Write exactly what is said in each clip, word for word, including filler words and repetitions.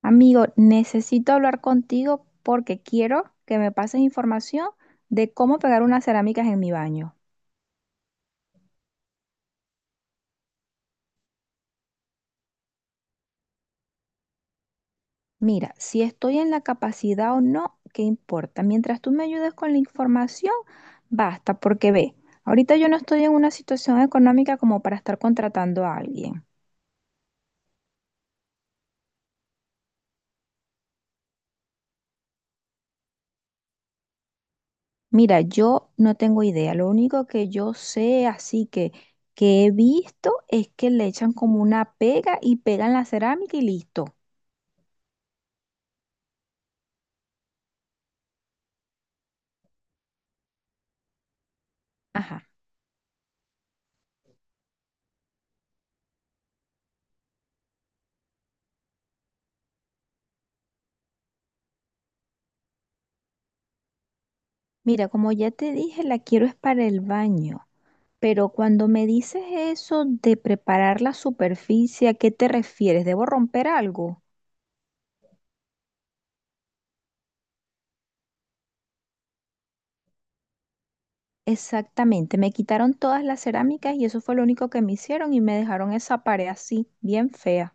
Amigo, necesito hablar contigo porque quiero que me pases información de cómo pegar unas cerámicas en mi baño. Mira, si estoy en la capacidad o no, qué importa. Mientras tú me ayudes con la información, basta, porque ve, ahorita yo no estoy en una situación económica como para estar contratando a alguien. Mira, yo no tengo idea. Lo único que yo sé, así que que he visto, es que le echan como una pega y pegan la cerámica y listo. Ajá. Mira, como ya te dije, la quiero es para el baño, pero cuando me dices eso de preparar la superficie, ¿a qué te refieres? ¿Debo romper algo? Exactamente, me quitaron todas las cerámicas y eso fue lo único que me hicieron y me dejaron esa pared así, bien fea.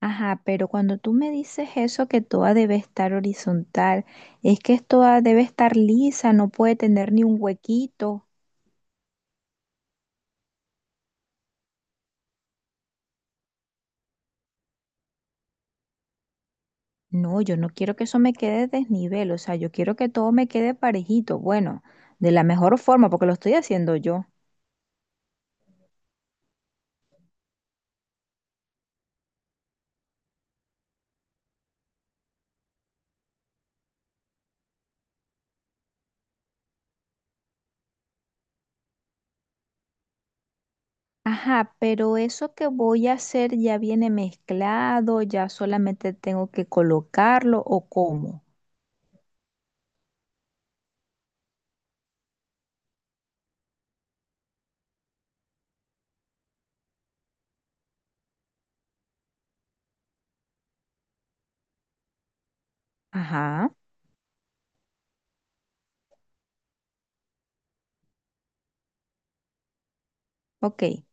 Ajá, pero cuando tú me dices eso que toda debe estar horizontal, es que toda debe estar lisa, no puede tener ni un huequito. No, yo no quiero que eso me quede desnivel, o sea, yo quiero que todo me quede parejito, bueno, de la mejor forma, porque lo estoy haciendo yo. Ajá, pero eso que voy a hacer ya viene mezclado, ya solamente tengo que colocarlo o cómo. Ajá, ok.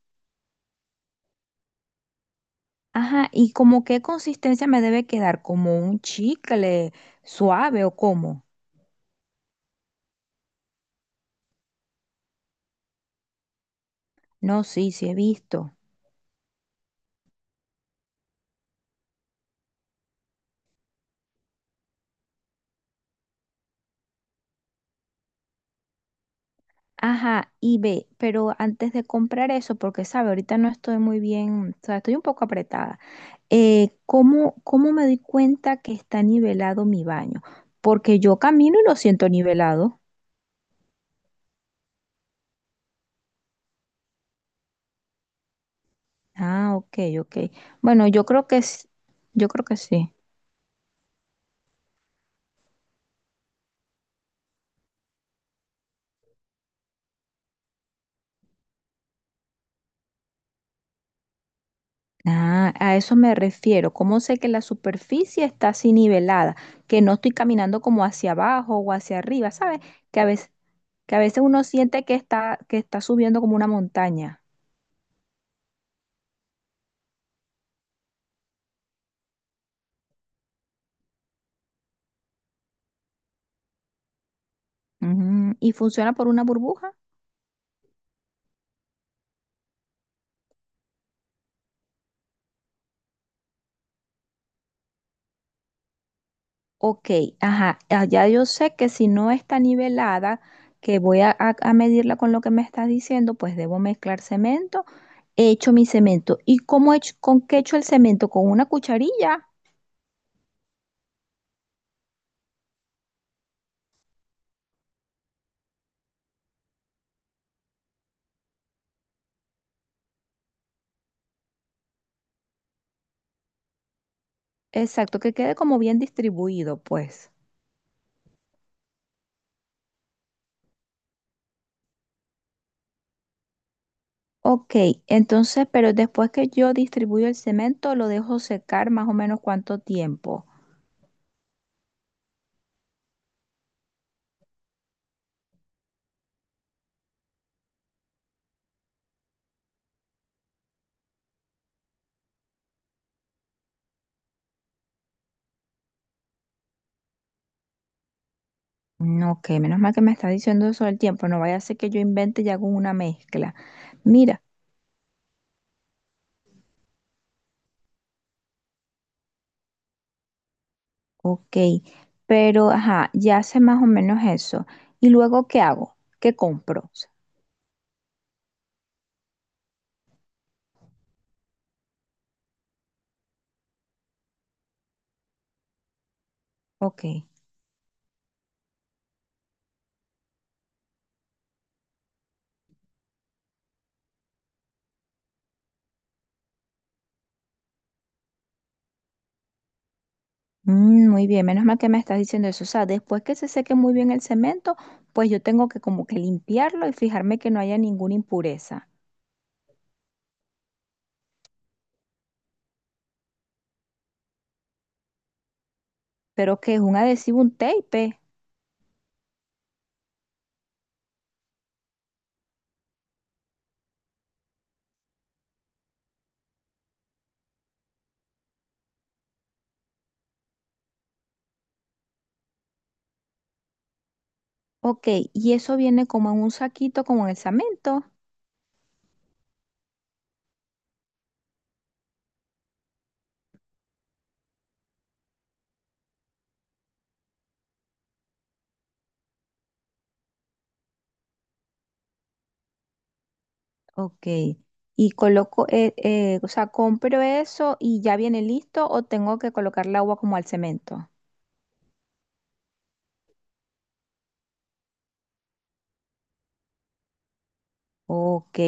Ajá, ¿y como qué consistencia me debe quedar? ¿Como un chicle suave o cómo? No, sí, sí he visto. Ajá, y ve, pero antes de comprar eso, porque sabe, ahorita no estoy muy bien, o sea, estoy un poco apretada. Eh, ¿cómo, cómo me doy cuenta que está nivelado mi baño? Porque yo camino y lo siento nivelado. Ah, ok, ok. Bueno, yo creo que s- yo creo que sí. Ah, a eso me refiero. ¿Cómo sé que la superficie está así nivelada? Que no estoy caminando como hacia abajo o hacia arriba, ¿sabes? Que a veces, que a veces uno siente que está, que está subiendo como una montaña. Ujú. ¿Y funciona por una burbuja? Ok, ajá, ah, ya yo sé que si no está nivelada, que voy a, a- a medirla con lo que me estás diciendo, pues debo mezclar cemento. He hecho mi cemento. ¿Y cómo he hecho, con qué he hecho el cemento? Con una cucharilla. Exacto, que quede como bien distribuido, pues. Ok, entonces, pero después que yo distribuyo el cemento, lo dejo secar más o menos cuánto tiempo. Mm, ok, menos mal que me estás diciendo eso del tiempo, no vaya a ser que yo invente y hago una mezcla. Mira. Ok, pero ajá, ya sé más o menos eso. ¿Y luego qué hago? ¿Qué compro? Ok. Mm, muy bien, menos mal que me estás diciendo eso. O sea, después que se seque muy bien el cemento, pues yo tengo que como que limpiarlo y fijarme que no haya ninguna impureza. Pero que es un adhesivo, un tape. Ok, y eso viene como en un saquito, como en el cemento. Ok, y coloco, eh, eh, o sea, compro eso y ya viene listo o tengo que colocarle agua como al cemento. Ok.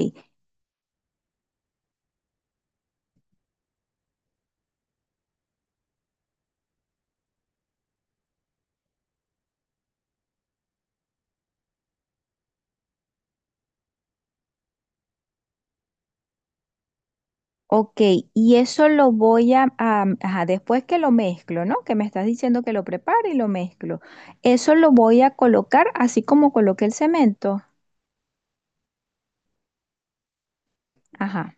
Ok, y eso lo voy a, a- ajá, después que lo mezclo, ¿no? Que me estás diciendo que lo prepare y lo mezclo. Eso lo voy a colocar así como coloqué el cemento. Ajá.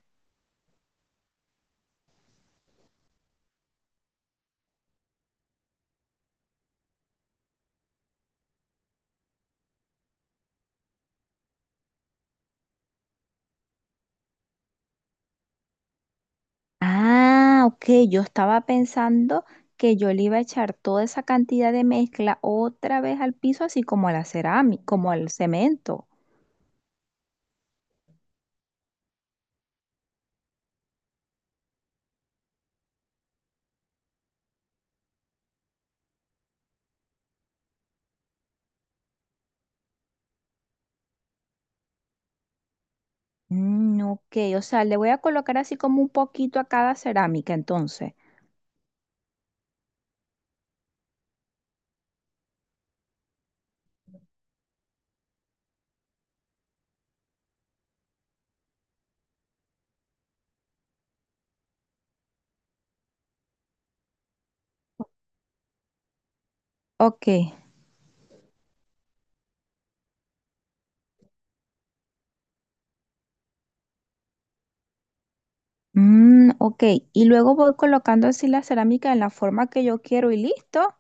Ah, ok, yo estaba pensando que yo le iba a echar toda esa cantidad de mezcla otra vez al piso, así como a la cerámica, como al cemento. Mm, ok, o sea, le voy a colocar así como un poquito a cada cerámica, entonces. Ok. Mm, ok, y luego voy colocando así la cerámica en la forma que yo quiero y listo.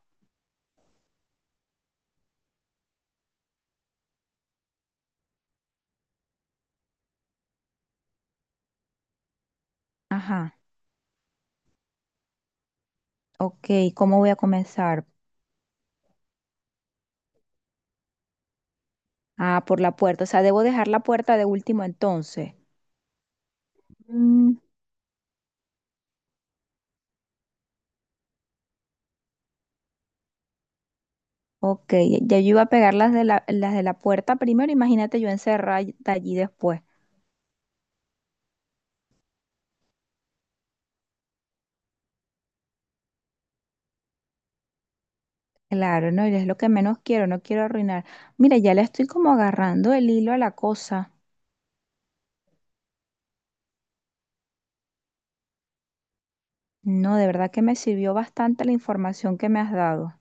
Ajá, ok, ¿cómo voy a comenzar? Ah, por la puerta, o sea, debo dejar la puerta de último entonces. Mm, ok, ya yo iba a pegar las de la, las de la puerta primero, imagínate yo encerrar allí después. Claro, no, y es lo que menos quiero, no quiero arruinar. Mira, ya le estoy como agarrando el hilo a la cosa. No, de verdad que me sirvió bastante la información que me has dado.